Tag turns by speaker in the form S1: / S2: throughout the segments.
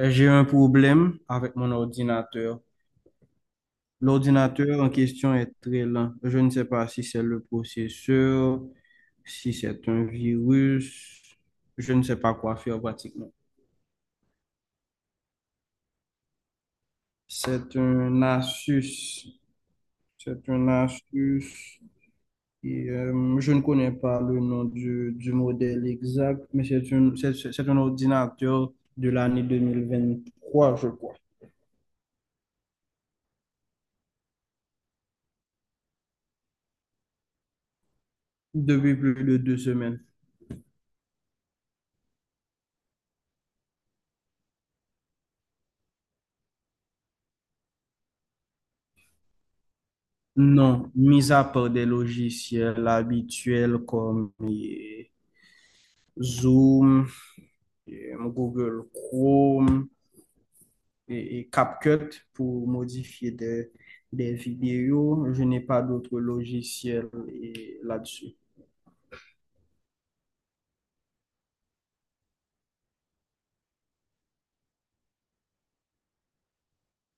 S1: J'ai un problème avec mon ordinateur. L'ordinateur en question est très lent. Je ne sais pas si c'est le processeur, si c'est un virus. Je ne sais pas quoi faire pratiquement. C'est un Asus. C'est un Asus. Et, je ne connais pas le nom du modèle exact, mais c'est un ordinateur de l'année 2023, je crois, depuis plus de 2 semaines. Non, mis à part des logiciels habituels comme Zoom, Google Chrome et CapCut pour modifier des vidéos, je n'ai pas d'autres logiciels là-dessus.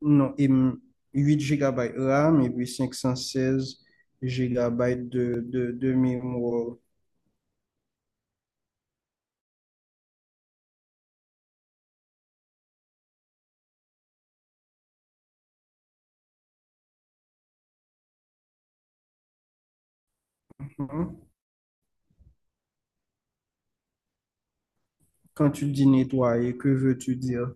S1: Non, et 8 GB RAM et puis 516 GB de mémoire. Mhm. Quand tu dis nettoyer, que veux-tu dire?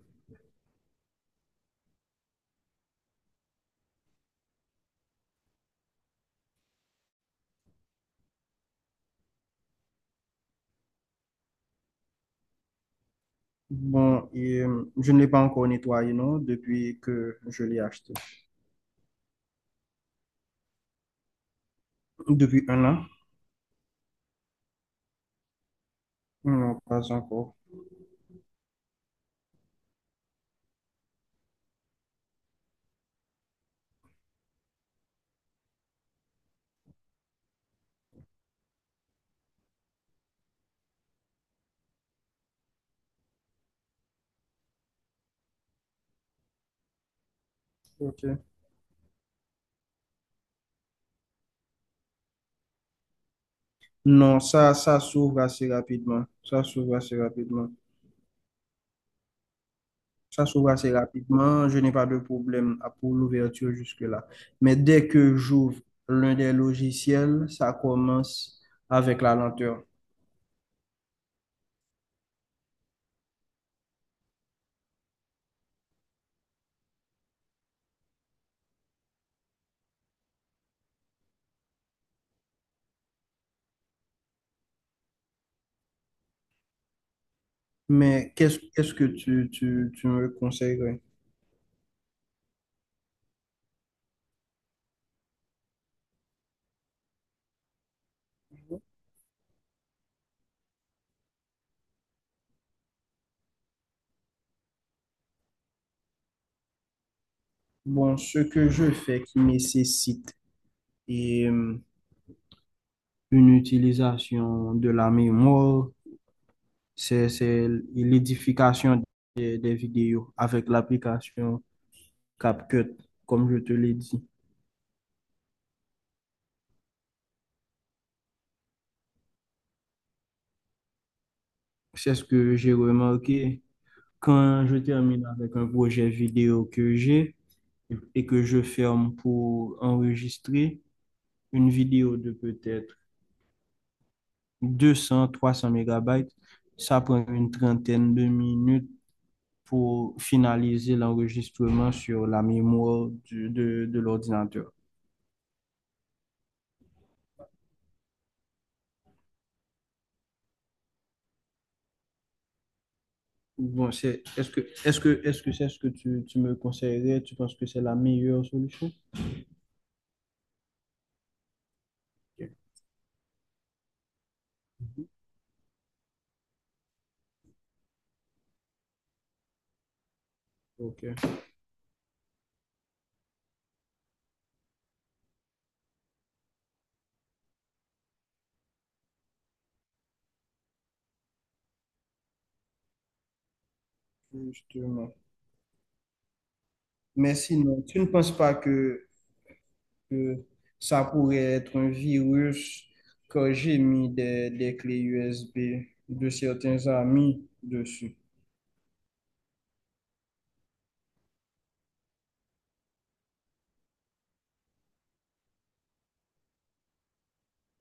S1: Bon, et, je ne l'ai pas encore nettoyé, non, depuis que je l'ai acheté. Depuis un an? Non, pas encore. Ok. Non, ça s'ouvre assez rapidement. Ça s'ouvre assez rapidement. Ça s'ouvre assez rapidement. Je n'ai pas de problème pour l'ouverture jusque-là. Mais dès que j'ouvre l'un des logiciels, ça commence avec la lenteur. Mais qu'est-ce que tu me conseillerais? Bon, ce que je fais qui nécessite et euh, une utilisation de la mémoire, c'est l'édification des vidéos avec l'application CapCut, comme je te l'ai dit. C'est ce que j'ai remarqué quand je termine avec un projet vidéo que j'ai et que je ferme pour enregistrer une vidéo de peut-être 200 300 mégabytes. Ça prend une trentaine de minutes pour finaliser l'enregistrement sur la mémoire de l'ordinateur. Bon, c'est, est-ce que, est-ce que, est-ce que c'est ce que tu me conseillerais? Tu penses que c'est la meilleure solution? Ok, ok, justement. Mais sinon, tu ne penses pas que ça pourrait être un virus que j'ai mis des clés USB de certains amis dessus?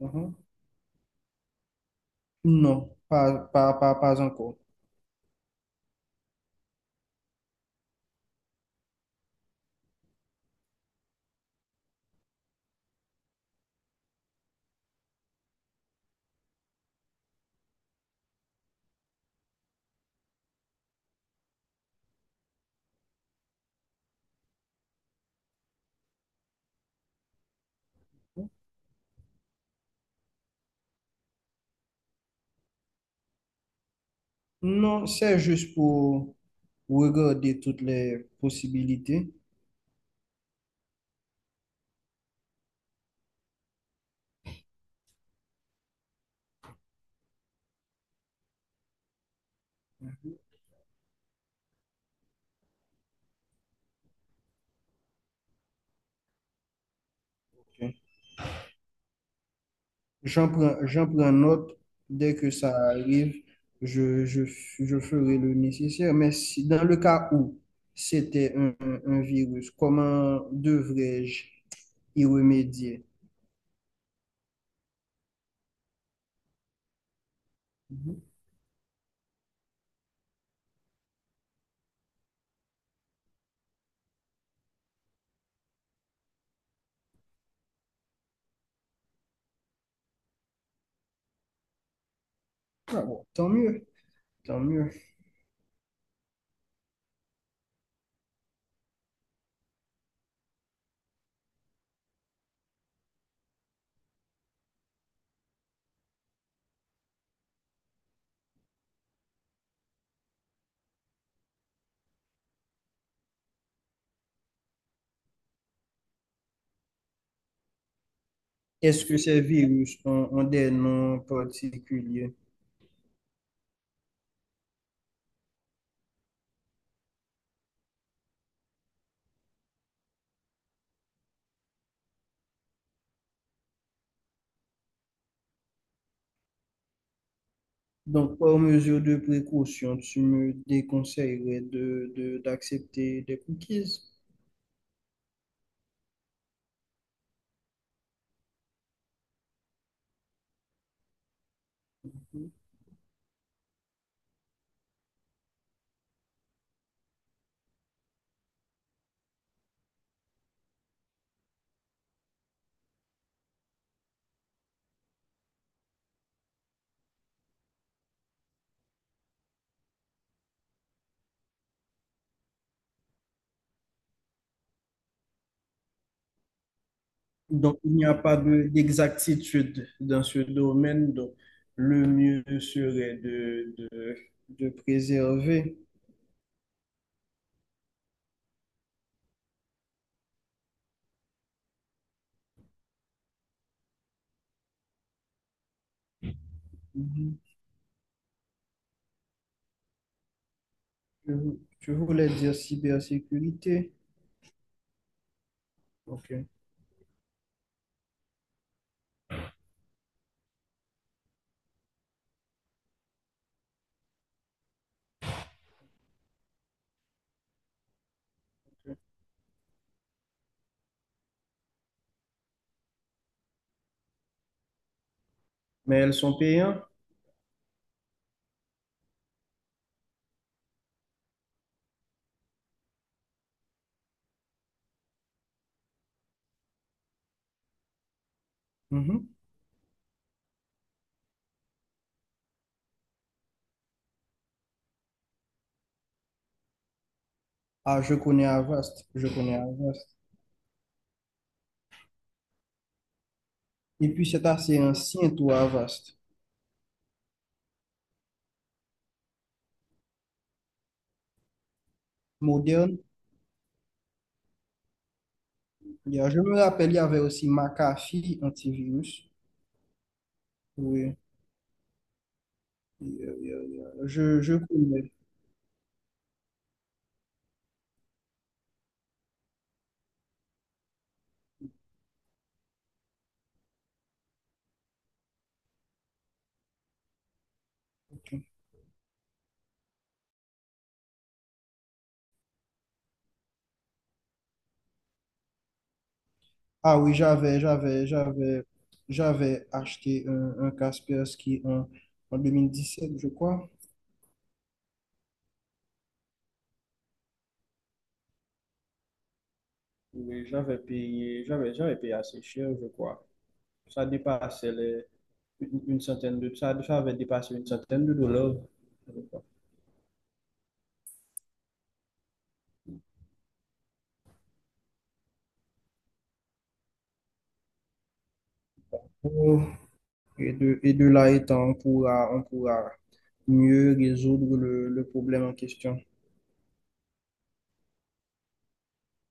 S1: Mhm. Non, pas encore. Non, c'est juste pour regarder toutes les possibilités. J'en prends note. Dès que ça arrive, je ferai le nécessaire. Mais si, dans le cas où c'était un virus, comment devrais-je y remédier? Mhm. Ah bon, tant mieux, tant mieux. Est-ce que ces virus ont des noms particuliers? Donc, par mesure de précaution, tu me déconseillerais d'accepter des cookies? Donc, il n'y a pas d'exactitude dans ce domaine. Donc, le mieux serait de préserver. Mhm. Je je voulais dire cybersécurité. OK. Mais elles sont payantes. Mhm. Ah, je connais Avast. Je connais Avast. Et puis, c'est assez ancien, tout Avast. Moderne. Je me rappelle, il y avait aussi McAfee antivirus. Oui. Il y a- il y a- il y a- je connais. Ok. Ah oui, j'avais acheté un Kaspersky en 2017 je crois. Oui, j'avais payé assez cher, je crois. Ça dépassait les, une centaine de, ça avait dépassé une centaine de dollars. Je crois. Oh, et de là étant, on pourra mieux résoudre le problème en question.